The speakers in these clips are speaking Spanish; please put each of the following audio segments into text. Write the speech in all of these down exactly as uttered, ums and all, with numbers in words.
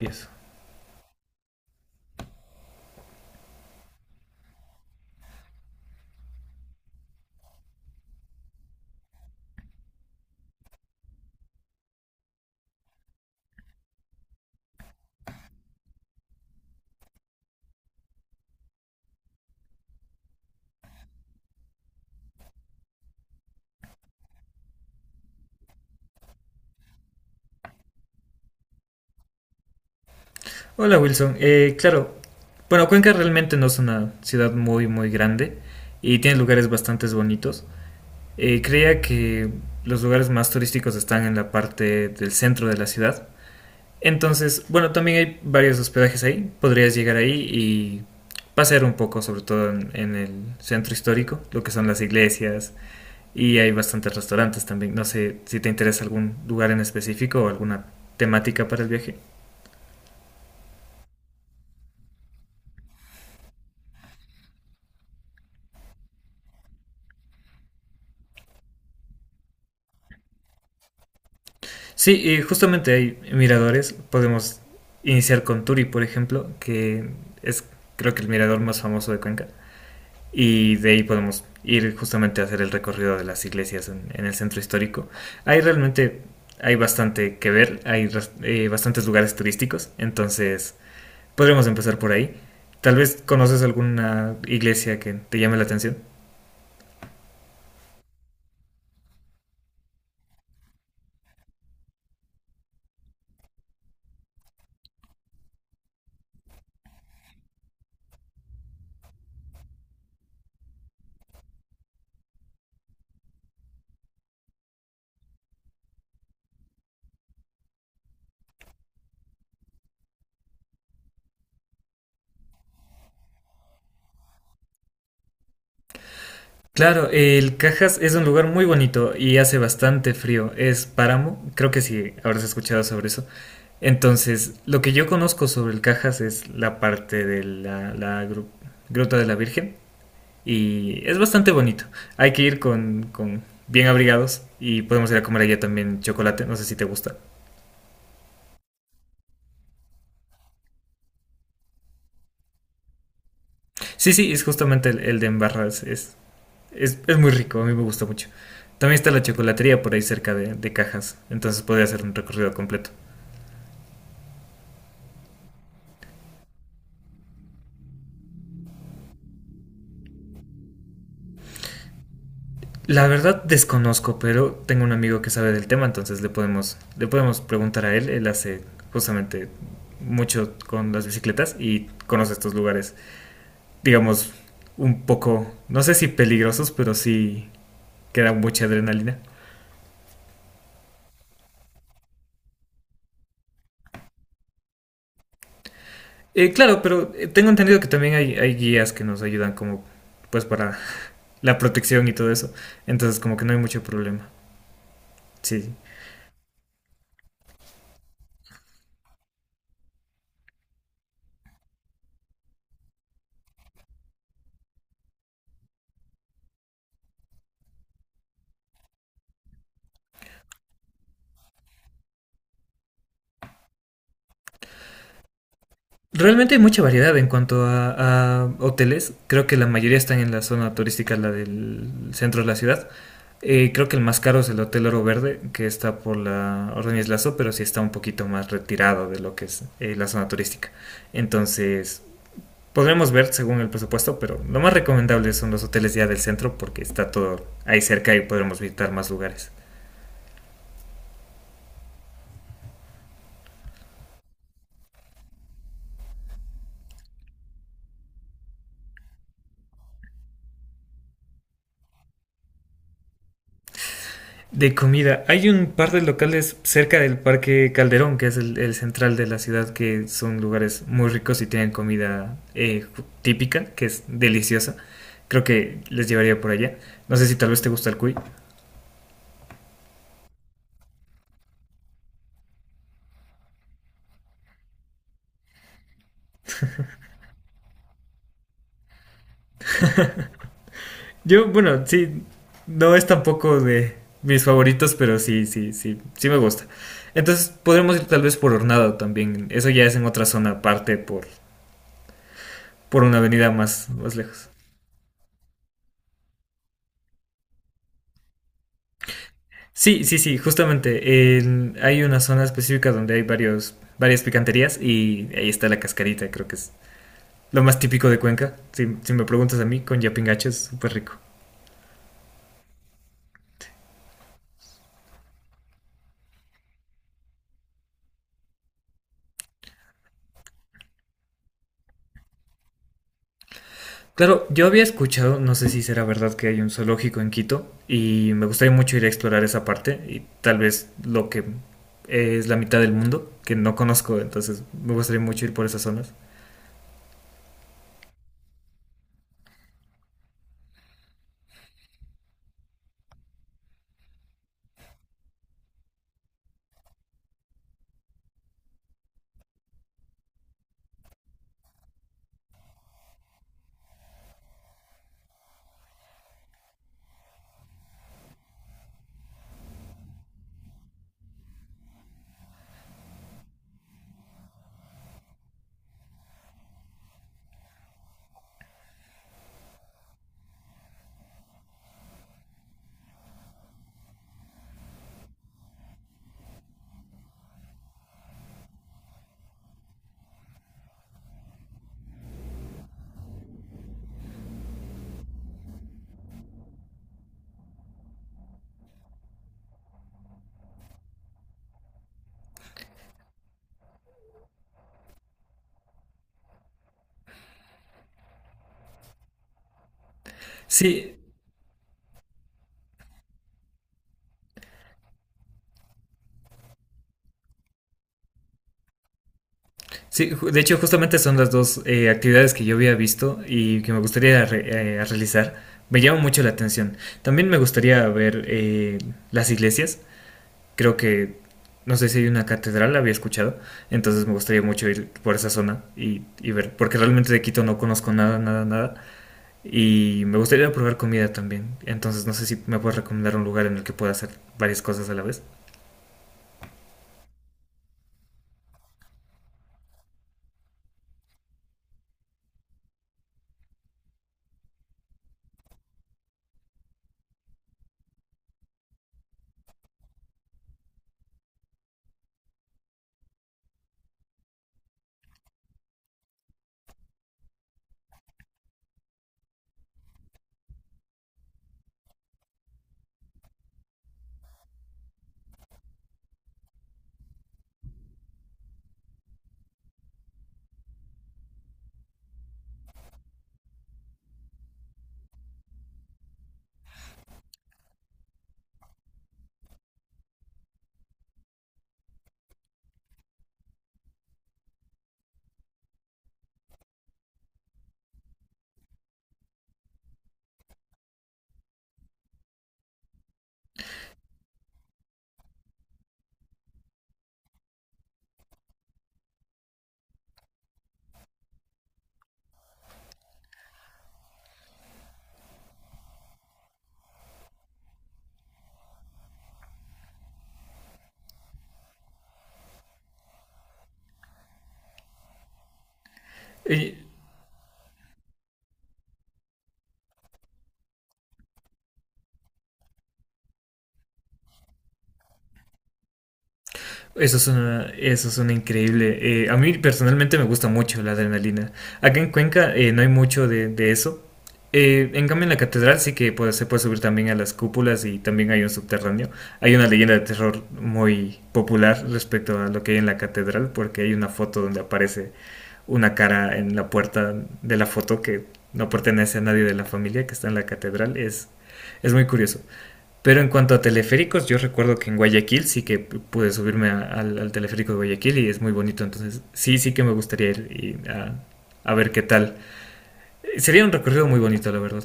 Yes. Hola Wilson, Eh, claro, bueno, Cuenca realmente no es una ciudad muy muy grande y tiene lugares bastante bonitos. Eh, creía que los lugares más turísticos están en la parte del centro de la ciudad. Entonces, bueno, también hay varios hospedajes ahí, podrías llegar ahí y pasear un poco, sobre todo en, en el centro histórico, lo que son las iglesias, y hay bastantes restaurantes también. No sé si te interesa algún lugar en específico o alguna temática para el viaje. Sí, y justamente hay miradores. Podemos iniciar con Turi, por ejemplo, que es, creo que el mirador más famoso de Cuenca. Y de ahí podemos ir justamente a hacer el recorrido de las iglesias en, en el centro histórico. Hay realmente, hay bastante que ver, hay ras- eh, bastantes lugares turísticos, entonces podremos empezar por ahí. Tal vez conoces alguna iglesia que te llame la atención. Claro, el Cajas es un lugar muy bonito y hace bastante frío. Es páramo, creo que sí, habrás escuchado sobre eso. Entonces, lo que yo conozco sobre el Cajas es la parte de la, la gru- Gruta de la Virgen, y es bastante bonito. Hay que ir con, con bien abrigados, y podemos ir a comer allá también chocolate, no sé si te gusta. Sí, sí, es justamente el, el de Embarras, es, es, es muy rico, a mí me gusta mucho. También está la chocolatería por ahí cerca de, de Cajas, entonces podría hacer un recorrido completo. La verdad desconozco, pero tengo un amigo que sabe del tema, entonces le podemos, le podemos preguntar a él. Él hace justamente mucho con las bicicletas y conoce estos lugares, digamos, un poco, no sé si peligrosos, pero sí que dan mucha adrenalina. Eh, claro, pero eh, tengo entendido que también hay, hay guías que nos ayudan como, pues, para la protección y todo eso. Entonces como que no hay mucho problema. Sí. Realmente hay mucha variedad en cuanto a, a hoteles. Creo que la mayoría están en la zona turística, la del centro de la ciudad. Eh, creo que el más caro es el Hotel Oro Verde, que está por la Ordóñez Lazo, pero sí está un poquito más retirado de lo que es eh, la zona turística. Entonces, podremos ver según el presupuesto, pero lo más recomendable son los hoteles ya del centro porque está todo ahí cerca y podremos visitar más lugares. De comida. Hay un par de locales cerca del Parque Calderón, que es el, el central de la ciudad, que son lugares muy ricos y tienen comida eh, típica, que es deliciosa. Creo que les llevaría por allá. No sé si tal vez te gusta el cuy. Yo, bueno, sí, no es tampoco de mis favoritos, pero sí, sí, sí, sí me gusta. Entonces podremos ir tal vez por Hornado también. Eso ya es en otra zona aparte, por, por una avenida más, más lejos. Sí, sí, sí, justamente. En- hay una zona específica donde hay varios, varias picanterías y ahí está la cascarita, creo que es lo más típico de Cuenca. Si, si me preguntas a mí, con yapingacho es súper rico. Claro, yo había escuchado, no sé si será verdad que hay un zoológico en Quito y me gustaría mucho ir a explorar esa parte y tal vez lo que es la mitad del mundo, que no conozco, entonces me gustaría mucho ir por esas zonas. Sí. Sí, ju- de hecho justamente son las dos eh, actividades que yo había visto y que me gustaría re- eh, realizar. Me llama mucho la atención. También me gustaría ver eh, las iglesias. Creo que, no sé si hay una catedral, la había escuchado. Entonces me gustaría mucho ir por esa zona y, y ver, porque realmente de Quito no conozco nada, nada, nada. Y me gustaría probar comida también. Entonces no sé si me puedes recomendar un lugar en el que pueda hacer varias cosas a la vez. Y eso es una, eso es una increíble. Eh, a mí personalmente me gusta mucho la adrenalina. Acá en Cuenca eh, no hay mucho de, de eso. Eh, en cambio, en la catedral sí que puede- se puede subir también a las cúpulas y también hay un subterráneo. Hay una leyenda de terror muy popular respecto a lo que hay en la catedral, porque hay una foto donde aparece una cara en la puerta de la foto que no pertenece a nadie de la familia que está en la catedral. Es, es muy curioso. Pero en cuanto a teleféricos, yo recuerdo que en Guayaquil sí que pude subirme a- al, al teleférico de Guayaquil y es muy bonito, entonces sí, sí que me gustaría ir y a, a ver qué tal. Eh, Sería un recorrido muy bonito, la verdad.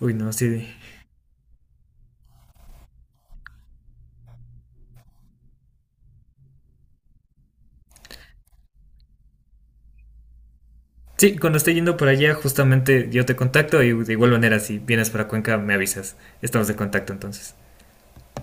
Uy, no, sí. Sí, cuando esté yendo por allá, justamente yo te contacto y de igual manera, si vienes para Cuenca, me avisas. Estamos en contacto entonces.